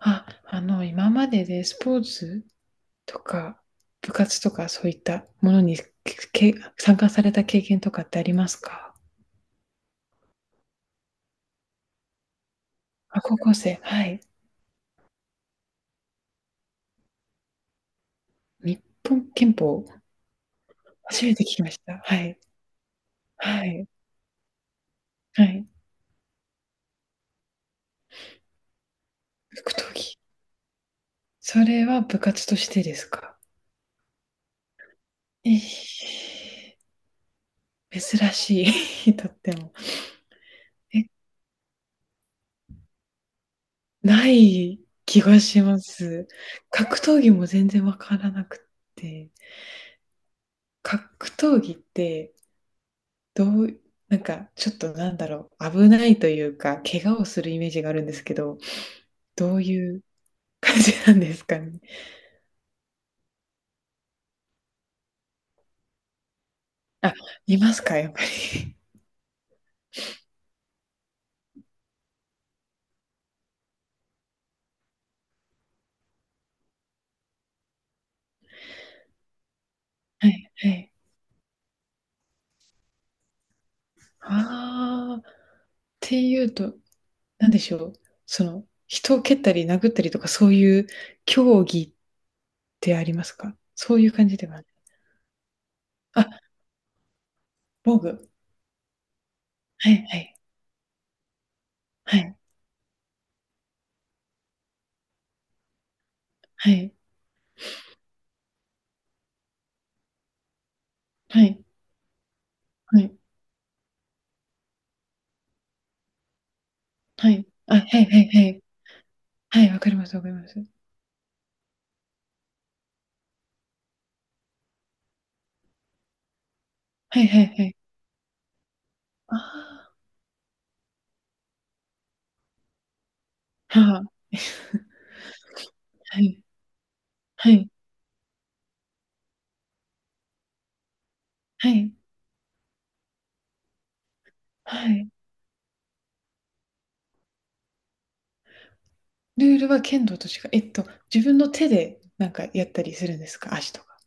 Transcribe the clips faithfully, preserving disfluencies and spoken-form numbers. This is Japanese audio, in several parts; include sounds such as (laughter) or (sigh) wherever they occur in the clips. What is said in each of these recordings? あ、あの、今まででスポーツとか部活とかそういったものにけ参加された経験とかってありますか？あ、高校生、はい。日本拳法、初めて聞きました。はい。はい。はい。格闘技。それは部活としてですか？えー珍しい、(laughs) とっても。え、ない気がします。格闘技も全然わからなくて。格闘技ってどう、なんかちょっとなんだろう、危ないというか、怪我をするイメージがあるんですけど、どういう感じなんですかね？あ、いますか、やっぱり。はいはい。ああ、っていうと、なんでしょう、その、人を蹴ったり殴ったりとかそういう競技ってありますか？そういう感じでは、あ、防具。はいはい。はいはいはいはいはい。あ、はいはいはい。はい、わかりますわかります。はいはいはい。ああ、はあ、はい。はい、はい、はい。ルールは剣道としか、えっと、自分の手でなんかやったりするんですか、足とか。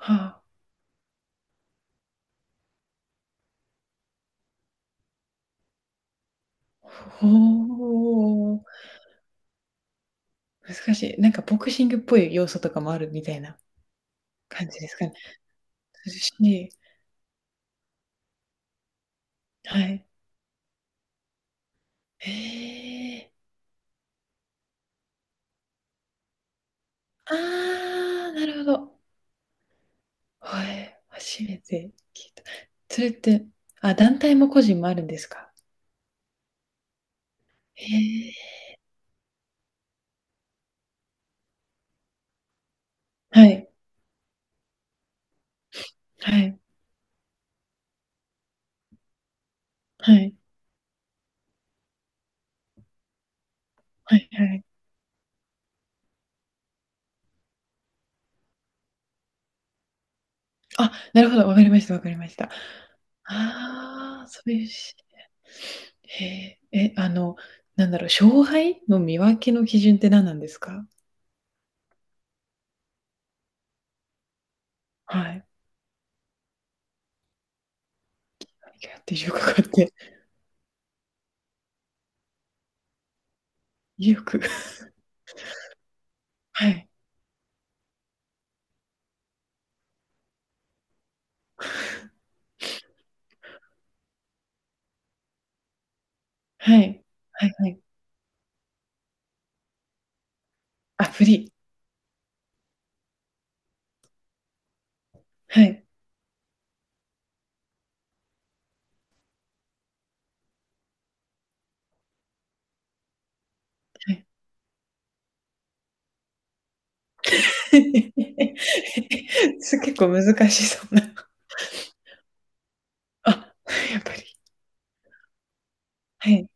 はあ、ほー、難しい。なんかボクシングっぽい要素とかもあるみたいな感じですかね。涼しい。はい。へえ、あー、なるほど。はい、初めて聞いた。それって、あ、団体も個人もあるんですか？へえ。はい、はい、はい、はい、はい。あ、なるほど、わかりました、わかりました。ああ、そういうし、へえ、え、あの、なんだろう、勝敗の見分けの基準って何なんですか？はい。いやって威力があって、威力。(laughs) はい。はい。はいはい。あ、振り。はい。はい。(laughs) す結構難しそうな。あ、やっぱり。はい。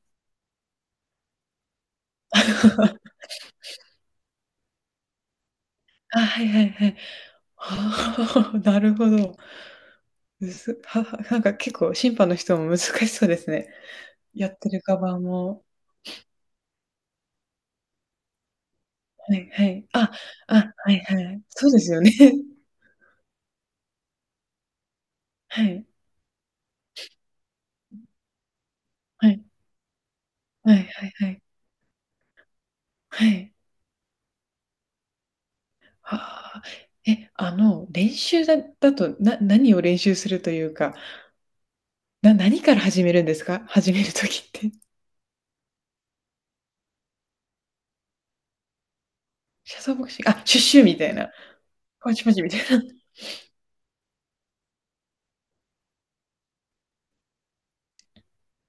(laughs) あ、はいはいはい。(laughs) ああ、なるほど。むずははなんか結構審判の人も難しそうですね。やってる側もはいはい。あ、あ、はいはい。そうですよね。(laughs) はい。はい。はいはいはい。はい。はあ。え、あの、練習だだと、な何を練習するというか、な何から始めるんですか？始める時って。(laughs) シャボクシングあ、シュッシュみたいな、パチパチみたいな。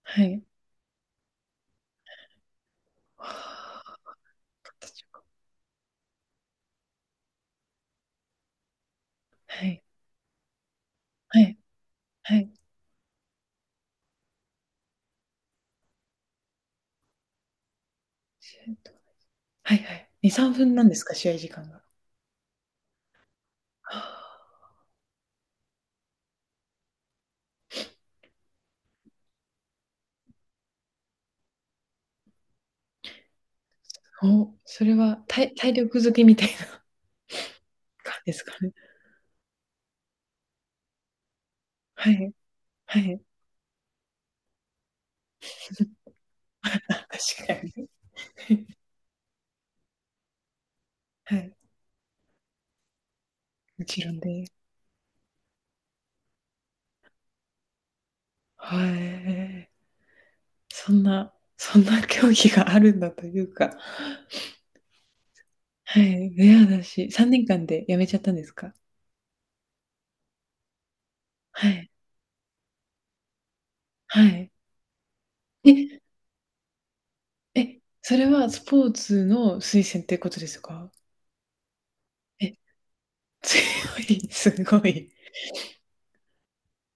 はい。はあ、どっちか、はい。はい。はい。シュッと、はいはい。に、さんぷんなんですか？試合時間が。はあ。おそれはたい体力づけみたいな感じですかね。はい。はい。(laughs) 確かに (laughs)。はい。もちろんで。はい。そんな、そんな競技があるんだというか。はい。レアだし、さんねんかんで辞めちゃったんですか？はい。はい。え、え、それはスポーツの推薦ってことですか？え、強い、すごい。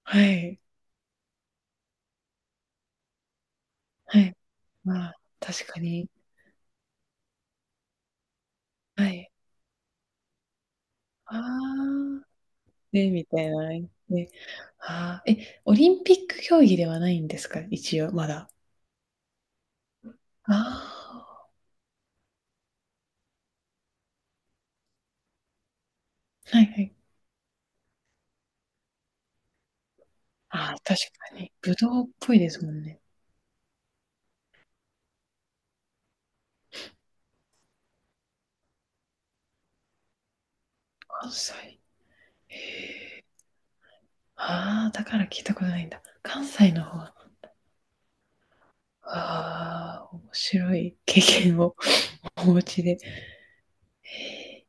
はい。はい。まあ、確かに。はい。ああ、ね、みたいな。ね。ああ、え、オリンピック競技ではないんですか、一応、まだ。ああ、はいはい。ああ、確かに。ぶどうっぽいですもんね。関西。へえ。ああ、だから聞いたことないんだ。関西の方。ああ、面白い経験を (laughs) お持ちで。へえ、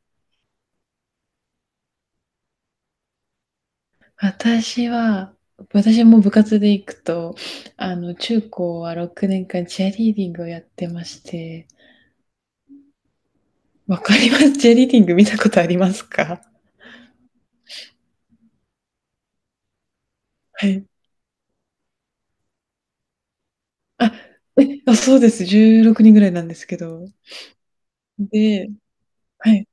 私は、私も部活で行くと、あの、中高はろくねんかんチアリーディングをやってまして、わかります。チアリーディング見たことありますか？はい。あ、え、あ、そうです。じゅうろくにんぐらいなんですけど。で、はい。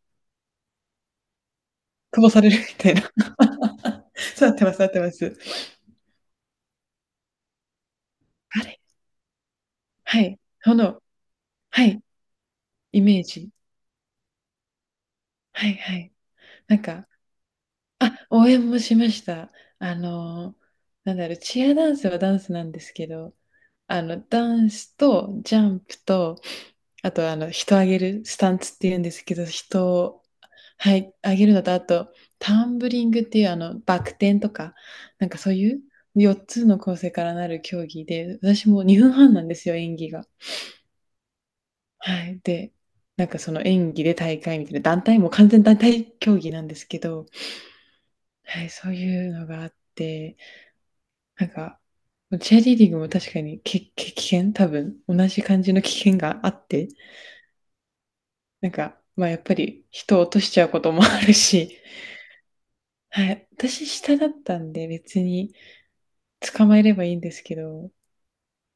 久保されるみたいな。(laughs) そうなってます、なってます。あれ、はい。その、はい、イメージ。はいはい。なんか、あ、応援もしました。あの、なんだろう、チアダンスはダンスなんですけど、あの、ダンスとジャンプと、あと、あの、人上げるスタンツって言うんですけど、人を、はい、上げるのと、あと、タンブリングっていう、あの、バク転とか、なんかそういうよっつの構成からなる競技で、私もにふんはんなんですよ、演技が。はい。で、なんかその演技で大会みたいな、団体も完全団体競技なんですけど、はい、そういうのがあって、なんか、チェアリーディングも確かにけけ危険多分、同じ感じの危険があって、なんか、まあやっぱり人を落としちゃうこともあるし、はい、私下だったんで別に捕まえればいいんですけど、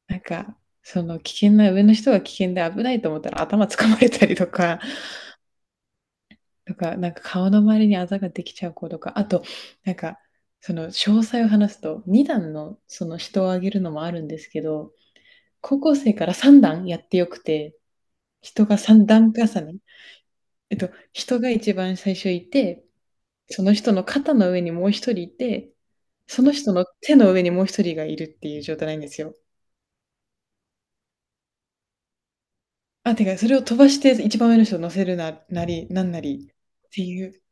なんか、その危険な、上の人が危険で危ないと思ったら頭掴まれたりとか、とか、なんか顔の周りにあざができちゃう子とか、あと、なんか、その詳細を話すと、にだん段のその人を上げるのもあるんですけど、高校生からさん段やってよくて、人がさん段重ね。えっと、人が一番最初いて、その人の肩の上にもう一人いて、その人の手の上にもう一人がいるっていう状態なんですよ。あ、てか、それを飛ばして一番上の人を乗せるな、なり、なんなりっていう、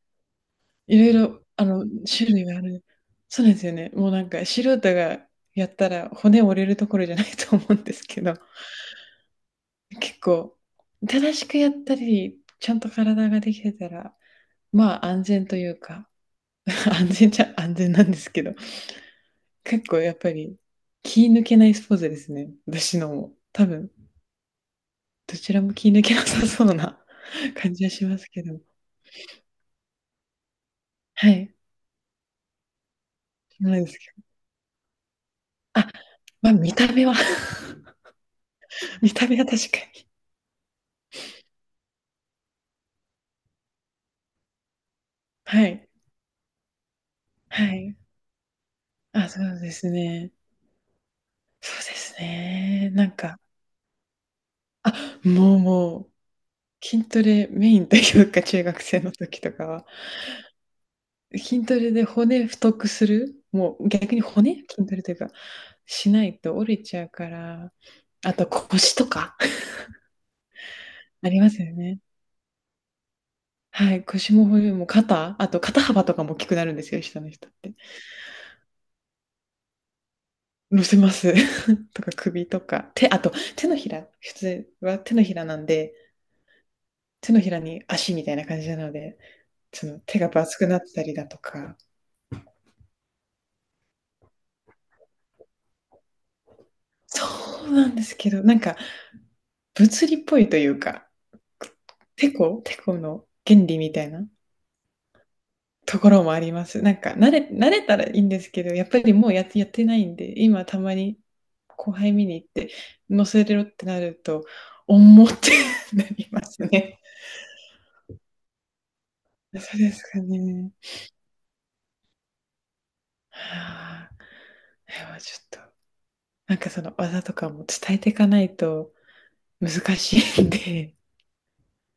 いろいろ、あの、種類がある。そうなんですよね。もうなんか、素人がやったら骨折れるところじゃないと思うんですけど、結構、正しくやったり、ちゃんと体ができてたら、まあ安全というか、(laughs) 安全じゃ安全なんですけど、結構やっぱり気抜けないスポーツですね。私のも。多分、どちらも気抜けなさそうな (laughs) 感じはしますけど。はい。そうなんですけど。あ、まあ見た目は (laughs) 見た目は確かに。はい。はい。あ、そうですね。そうですね。なんか、あ、もうもう、筋トレメインというか、中学生の時とかは、筋トレで骨太くする、もう逆に骨筋トレというか、しないと折れちゃうから、あと腰とか (laughs) ありますよね。はい、腰も骨も肩、あと肩幅とかも大きくなるんですよ、下の人って。乗せます。(laughs) とか首とか、手、あと手のひら、普通は手のひらなんで、手のひらに足みたいな感じなので、その手がバツくなったりだとか、そう。なんですけど、なんか物理っぽいというか、テコ、テコの原理みたいなところもあります。なんか慣れ、慣れたらいいんですけど、やっぱりもうやって、やってないんで、今たまに後輩見に行って、乗せれろってなると、重ってなりますね。そうですかね。はあ、ちょっと、なんかその技とかも伝えていかないと難しいんで、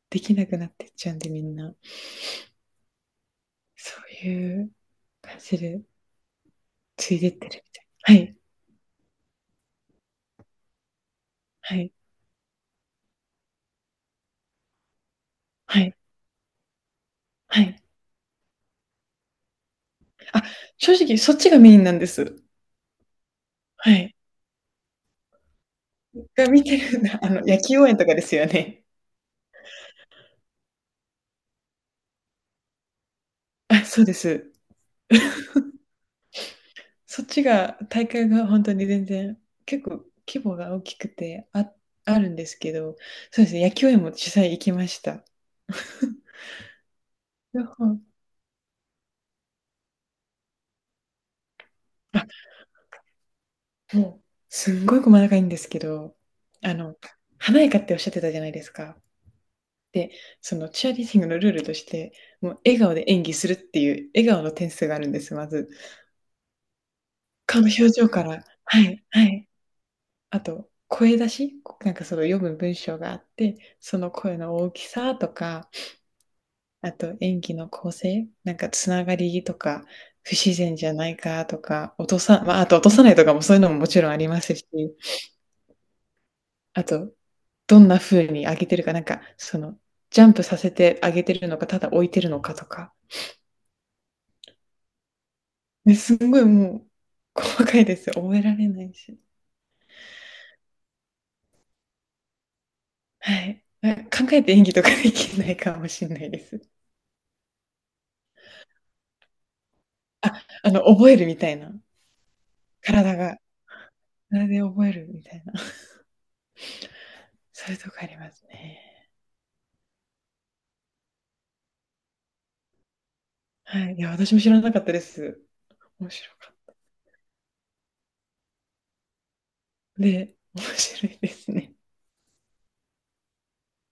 できなくなってっちゃうんで、みんな。そういう感じで、ついでってるみたい。はい、はい、はい、はい。あ、正直、そっちがメインなんです。はい。が見てるんだ。あの、野球応援とかですよね。あ、そうです。そっちが、大会が本当に全然、結構規模が大きくて、あ、あるんですけど、そうですね、野球応援も実際行きました。(laughs) 両方、あ、もう、すんごい細かいんですけど、あの、華やかっておっしゃってたじゃないですか。で、そのチアリーディングのルールとして、もう笑顔で演技するっていう笑顔の点数があるんです、まず。顔の表情から、はいはい。あと、声出し、こなんかその読む文章があって、その声の大きさとか、あと演技の構成、なんかつながりとか、不自然じゃないかとか、落とさま、あと落とさないとかもそういうのももちろんありますし、あと、どんな風に上げてるか、なんかそのジャンプさせて上げてるのか、ただ置いてるのかとか。ねすんごいもう、細かいですよ。覚えられないし。はい。え考えて演技とかできないかもしんないです。あ、あの、覚えるみたいな。体が、体で覚えるみたいな。(laughs) そういうとこありますね。はい。いや、私も知らなかったです。面白かった。で、面白いですね。